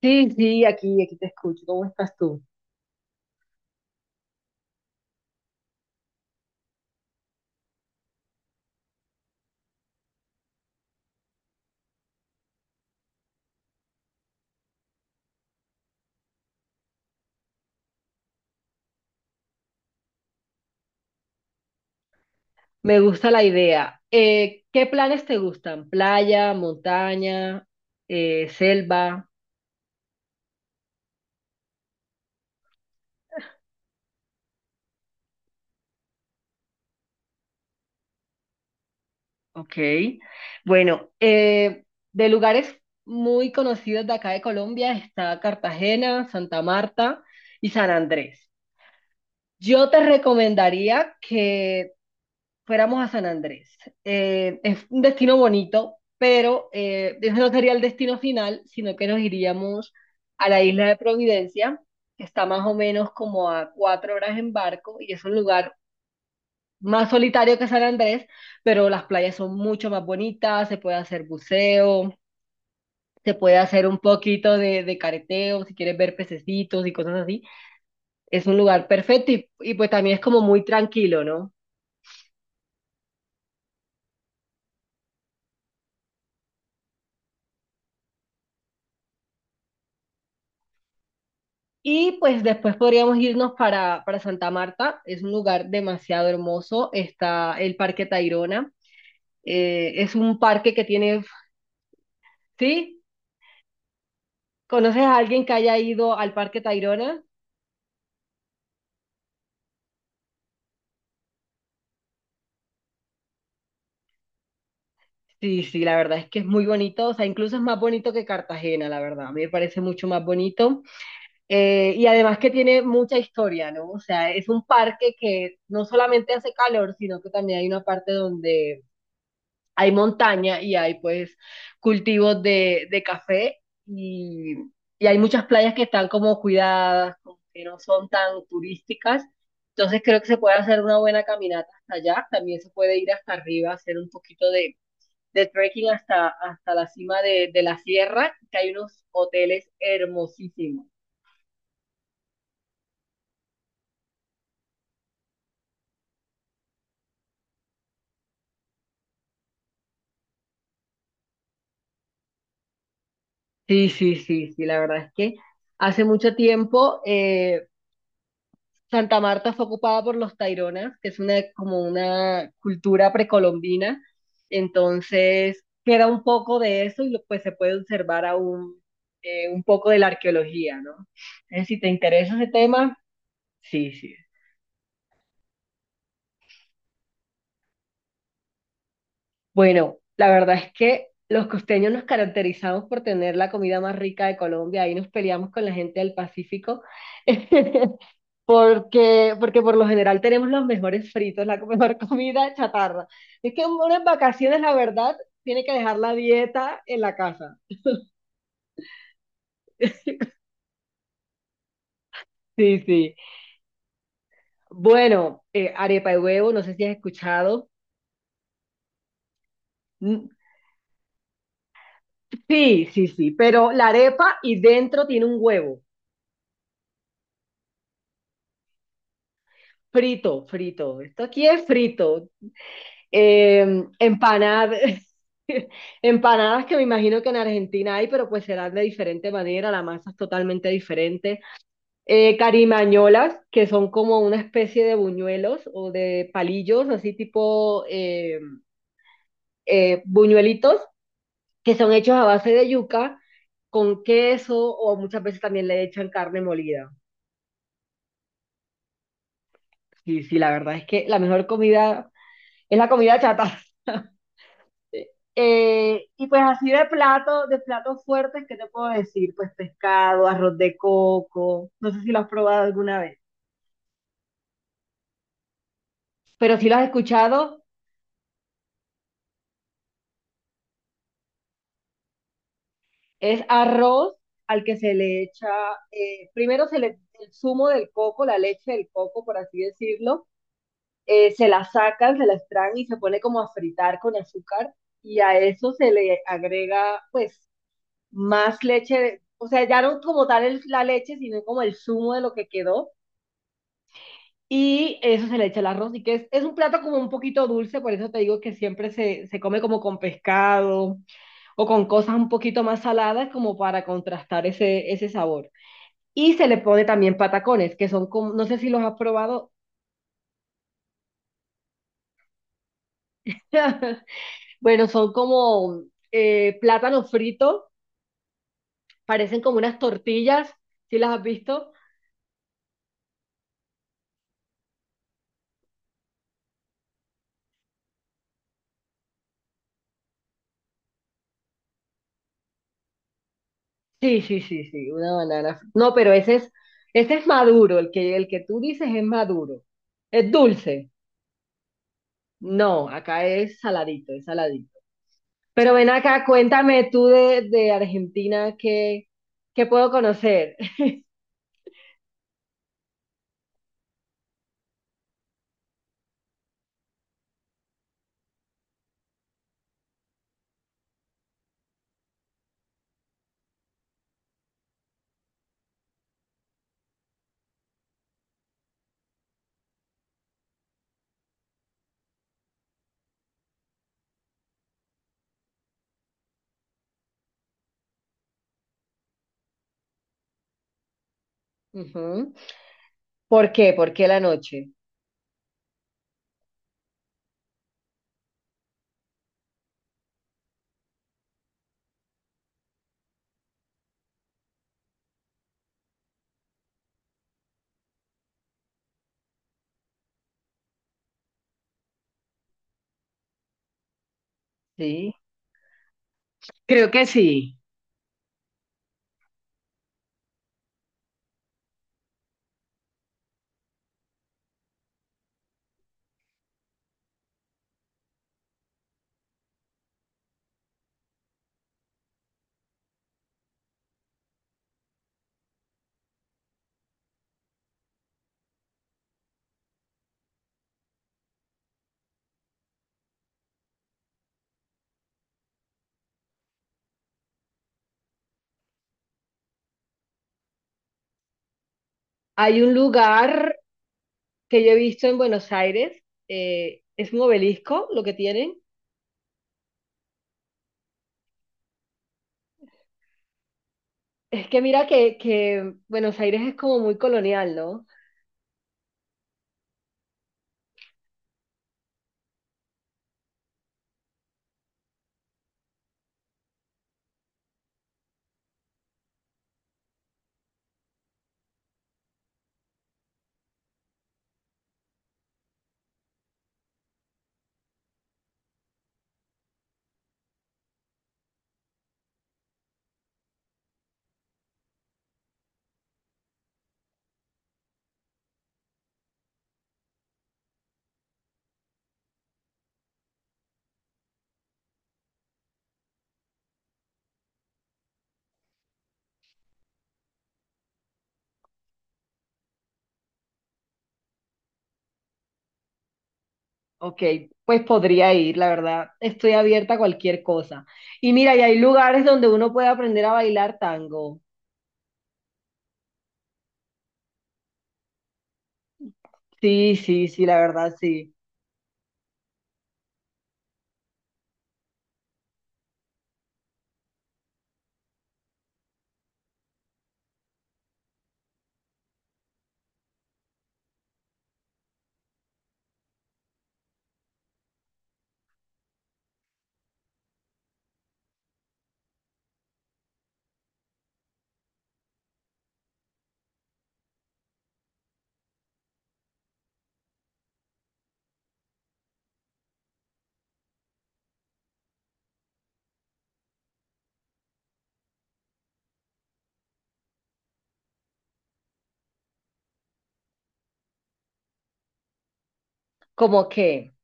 Sí, sí, aquí te escucho. ¿Cómo estás tú? Me gusta la idea. ¿Qué planes te gustan? ¿Playa, montaña, selva? Ok. Bueno, de lugares muy conocidos de acá de Colombia está Cartagena, Santa Marta y San Andrés. Yo te recomendaría que fuéramos a San Andrés. Es un destino bonito, pero ese no sería el destino final, sino que nos iríamos a la isla de Providencia, que está más o menos como a cuatro horas en barco y es un lugar más solitario que San Andrés, pero las playas son mucho más bonitas, se puede hacer buceo, se puede hacer un poquito de careteo, si quieres ver pececitos y cosas así. Es un lugar perfecto y pues también es como muy tranquilo, ¿no? Y pues después podríamos irnos para Santa Marta. Es un lugar demasiado hermoso. Está el Parque Tayrona. Es un parque que tiene, ¿sí? ¿Conoces a alguien que haya ido al Parque Tayrona? Sí, sí, la verdad es que es muy bonito. O sea, incluso es más bonito que Cartagena, la verdad. A mí me parece mucho más bonito. Y además que tiene mucha historia, ¿no? O sea, es un parque que no solamente hace calor, sino que también hay una parte donde hay montaña y hay pues cultivos de café y, y hay muchas playas que están como cuidadas, como que no son tan turísticas. Entonces creo que se puede hacer una buena caminata hasta allá. También se puede ir hasta arriba, hacer un poquito de trekking hasta la cima de la sierra, que hay unos hoteles hermosísimos. Sí, sí, sí, sí, la verdad es que hace mucho tiempo Santa Marta fue ocupada por los Taironas, que es una, como una cultura precolombina. Entonces, queda un poco de eso y pues se puede observar aún un poco de la arqueología, ¿no? Entonces, si te interesa ese tema, sí, sí. Bueno, la verdad es que los costeños nos caracterizamos por tener la comida más rica de Colombia. Ahí nos peleamos con la gente del Pacífico. Porque, porque por lo general tenemos los mejores fritos, la mejor comida chatarra. Es que uno en vacaciones, la verdad, tiene que dejar la dieta en la casa. Sí, sí. Bueno, arepa de huevo, no sé si has escuchado. Mm, Sí, sí, sí, pero la arepa y dentro tiene un huevo. Frito, frito. Esto aquí es frito. Eh, empanadas, empanadas que me imagino que en Argentina hay, pero pues serán de diferente manera, la masa es totalmente diferente. Carimañolas, que son como una especie de buñuelos o de palillos, así tipo buñuelitos, que son hechos a base de yuca con queso o muchas veces también le echan carne molida. Sí, sí, la verdad es que la mejor comida es la comida chata. Y pues así de plato, de platos fuertes, ¿qué te puedo decir? Pues pescado, arroz de coco, no sé si lo has probado alguna vez, pero si lo has escuchado, es arroz al que se le echa, primero se le, el zumo del coco, la leche del coco, por así decirlo, se la sacan, se la extraen y se pone como a fritar con azúcar y a eso se le agrega pues más leche, o sea, ya no como tal la leche, sino como el zumo de lo que quedó y eso se le echa el arroz y que es un plato como un poquito dulce, por eso te digo que siempre se, se come como con pescado o con cosas un poquito más saladas como para contrastar ese, ese sabor. Y se le pone también patacones, que son como, no sé si los has probado. Bueno, son como plátano frito, parecen como unas tortillas, ¿sí las has visto? Sí, sí, sí, sí, una banana. No, pero ese es maduro, el que tú dices es maduro. ¿Es dulce? No, acá es saladito, es saladito. Pero ven acá, cuéntame tú de Argentina, ¿qué, qué puedo conocer? Ujú. ¿Por qué? ¿Por qué la noche? Sí, creo que sí. Hay un lugar que yo he visto en Buenos Aires, es un obelisco lo que tienen. Es que mira que Buenos Aires es como muy colonial, ¿no? Ok, pues podría ir, la verdad. Estoy abierta a cualquier cosa. Y mira, y hay lugares donde uno puede aprender a bailar tango. Sí, sí, sí, la verdad, sí. ¿Cómo qué?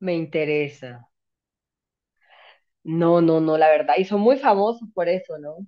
Me interesa. No, no, no, la verdad. Y son muy famosos por eso, ¿no?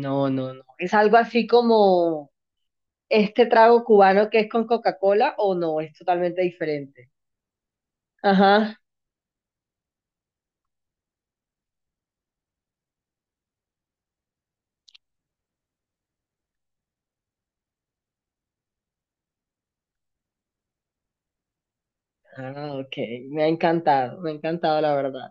No, no, no. Es algo así como este trago cubano que es con Coca-Cola o no, es totalmente diferente. Ajá. Ah, ok. Me ha encantado la verdad.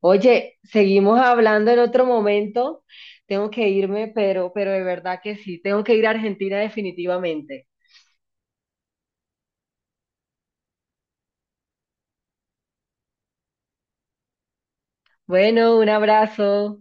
Oye, seguimos hablando en otro momento. Tengo que irme, pero de verdad que sí, tengo que ir a Argentina definitivamente. Bueno, un abrazo.